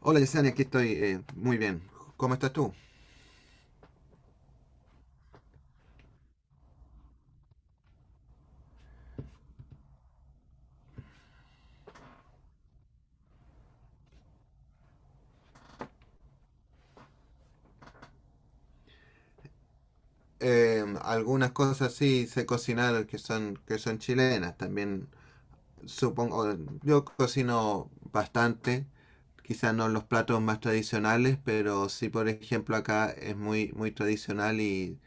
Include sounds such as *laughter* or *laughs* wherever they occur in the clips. Hola Yesenia, aquí estoy. Muy bien. ¿Cómo estás tú? Algunas cosas sí sé cocinar que son chilenas. También supongo, yo cocino bastante. Quizás no los platos más tradicionales, pero sí, por ejemplo, acá es muy, muy tradicional y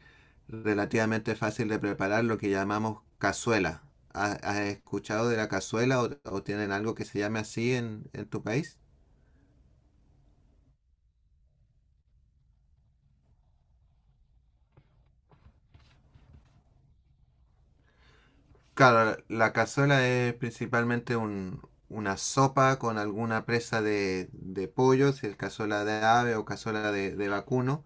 relativamente fácil de preparar lo que llamamos cazuela. ¿Has escuchado de la cazuela o tienen algo que se llame así en tu país? Claro, la cazuela es principalmente una sopa con alguna presa de pollo, si es cazuela de ave o cazuela de vacuno,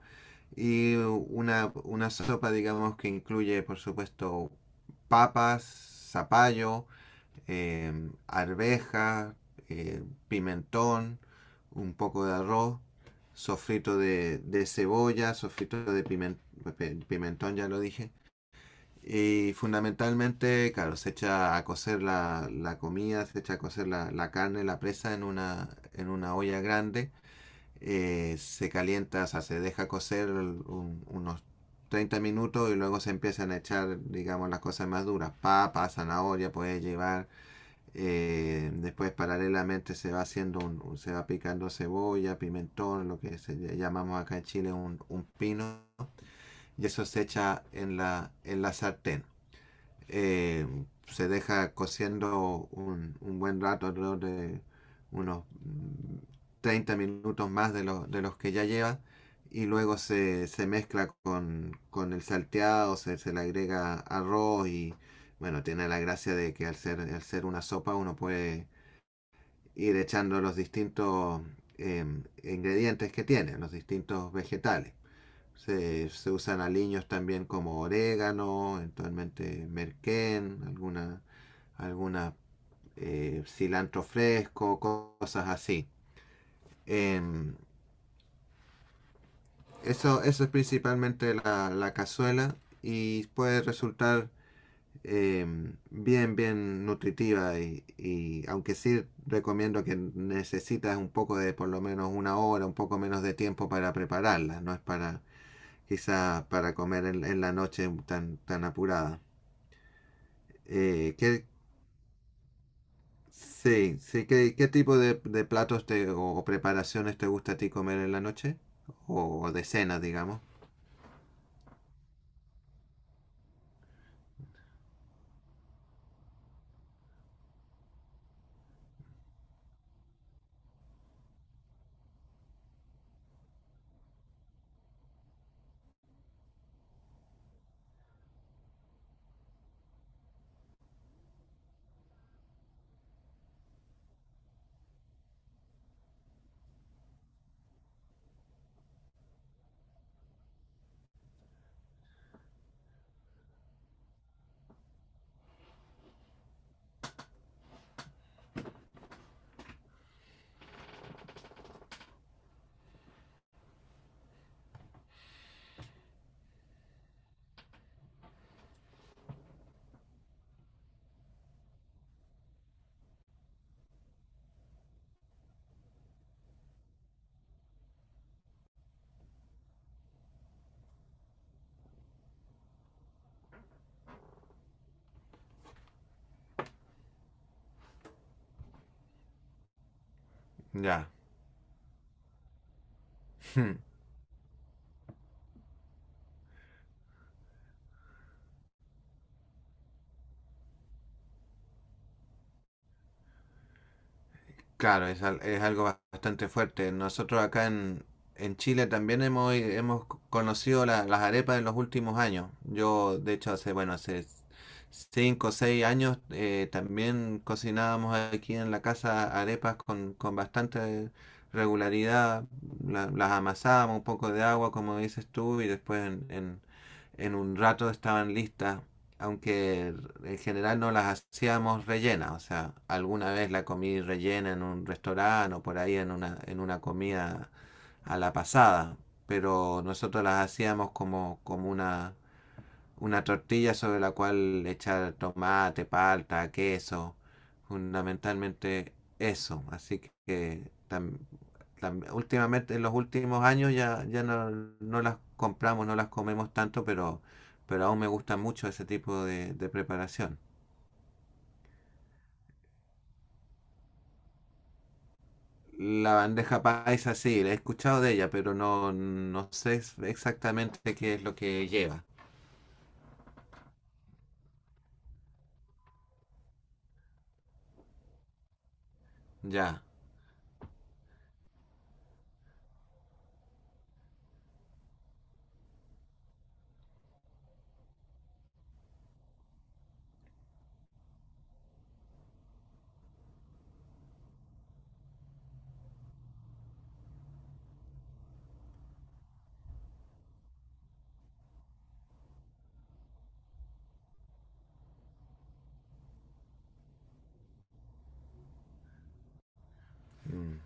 y una sopa, digamos, que incluye, por supuesto, papas, zapallo, arveja, pimentón, un poco de arroz, sofrito de cebolla, sofrito de pimentón, ya lo dije y fundamentalmente, claro, se echa a cocer la comida, se echa a cocer la carne, la presa en una olla grande. Se calienta, o sea, se deja cocer unos 30 minutos y luego se empiezan a echar, digamos, las cosas más duras. Papa, zanahoria, puedes llevar. Después paralelamente se va haciendo se va picando cebolla, pimentón, lo que se llamamos acá en Chile un pino, y eso se echa en la sartén, eh, se deja cociendo un buen rato, alrededor de unos 30 minutos más de los que ya lleva, y luego se mezcla con el salteado, se le agrega arroz y bueno, tiene la gracia de que al ser una sopa uno puede ir echando los distintos eh, ingredientes que tiene, los distintos vegetales. Se usan aliños también como orégano, eventualmente merquén, alguna, alguna cilantro fresco, cosas así. Em, eso es principalmente la cazuela y puede resultar, bien, bien nutritiva y aunque sí recomiendo que necesitas un poco de por lo menos una hora, un poco menos de tiempo para prepararla, no es para quizás para comer la noche tan, tan apurada. Eh, ¿qué, sí, sí. ¿Qué tipo de platos o preparaciones te gusta a ti comer en la noche? O de cena, digamos. Ya. *laughs* Hmm. Claro, es algo bastante fuerte. Nosotros acá en Chile también hemos conocido las arepas en los últimos años. Yo, de hecho, bueno, hace 5 o 6 años, también cocinábamos aquí en la casa arepas con bastante regularidad. Las amasábamos un poco de agua, como dices tú, y después en un rato estaban listas, aunque en general no las hacíamos rellenas. O sea, alguna vez la comí rellena en un restaurante o por ahí en una comida a la pasada, pero nosotros las hacíamos como una tortilla sobre la cual echar tomate, palta, queso, fundamentalmente eso. Así que últimamente, en los últimos años ya no las compramos, no las comemos tanto, pero aún me gusta mucho ese tipo de preparación. La bandeja paisa sí, la he escuchado de ella, pero no sé exactamente qué es lo que lleva. Ya. Mm.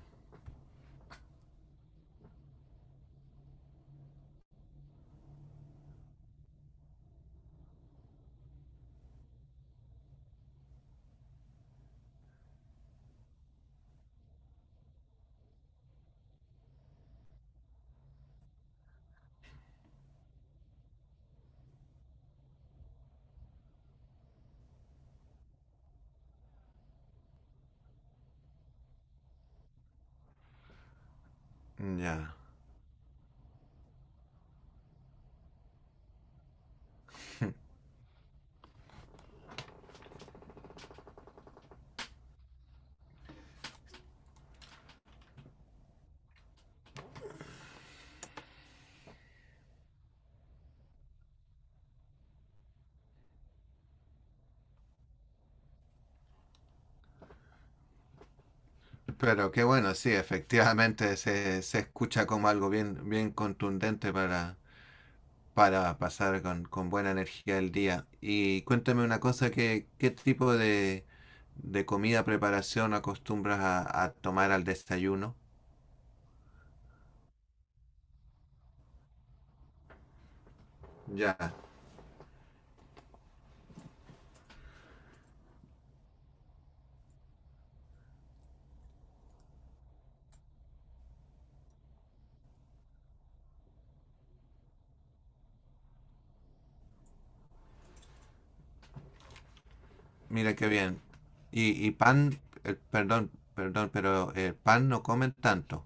Ya. Pero qué bueno, sí, efectivamente se escucha como algo bien, bien contundente para pasar con buena energía el día. Y cuéntame una cosa, ¿qué tipo de comida preparación acostumbras a tomar al desayuno? Ya, mira qué bien. Y pan, perdón, perdón, pero el pan no comen tanto.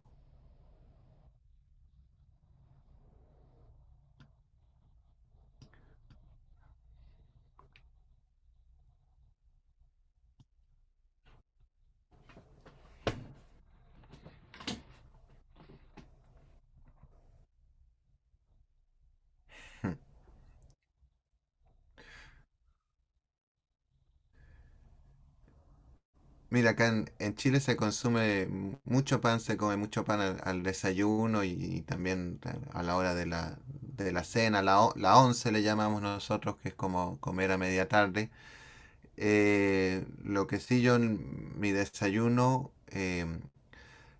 Mira, acá en Chile se consume mucho pan, se come mucho pan al desayuno y también a la hora de la cena, la once le llamamos nosotros, que es como comer a media tarde. Lo que sí yo en mi desayuno,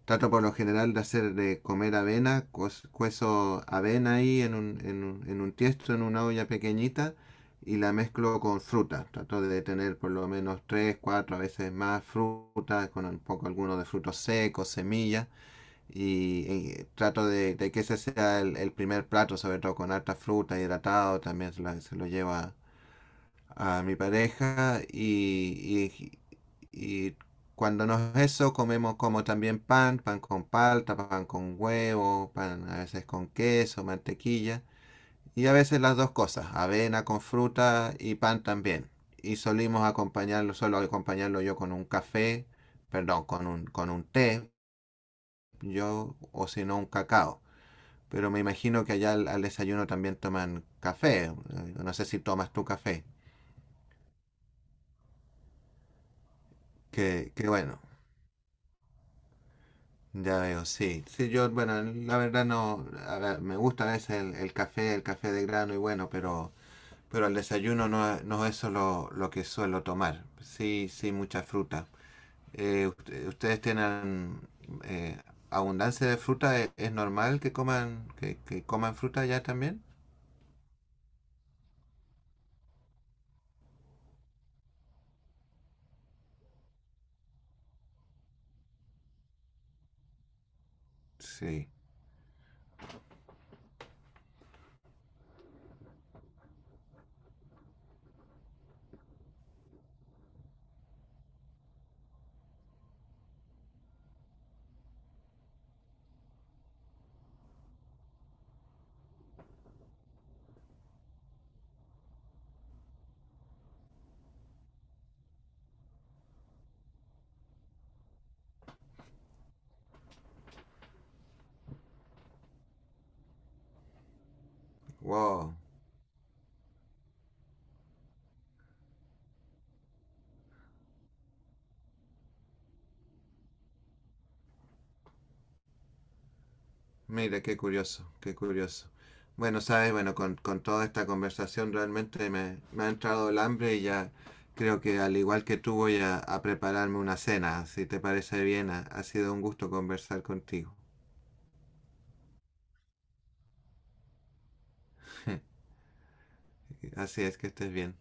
trato por lo general de hacer de comer avena, cuezo avena ahí en un tiesto, en una olla pequeñita y la mezclo con fruta. Trato de tener por lo menos tres, cuatro, a veces más frutas, con un poco alguno de frutos secos, semillas, y trato de que ese sea el primer plato, sobre todo con harta fruta, hidratado. También se lo lleva a mi pareja y cuando no es eso comemos como también pan, pan con palta, pan con huevo, pan a veces con queso, mantequilla y a veces las dos cosas, avena con fruta y pan también. Y solimos acompañarlo, solo acompañarlo yo con un café, perdón, con un té, yo o si no un cacao. Pero me imagino que allá al desayuno también toman café. No sé si tomas tu café. Que bueno. Ya veo, sí. Sí, yo, bueno, la verdad no, a ver, me gusta a veces el café, el café de grano y bueno, pero al desayuno no, no es eso lo que suelo tomar. Sí, sí, mucha fruta. ¿Ustedes tienen eh, abundancia de fruta? ¿Es normal que coman, que coman fruta ya también? Sí. Wow. Mira, qué curioso, qué curioso. Bueno, sabes, bueno, con toda esta conversación realmente me ha entrado el hambre y ya creo que al igual que tú voy a prepararme una cena. Si te parece bien, ha sido un gusto conversar contigo. *laughs* Así es que estés bien.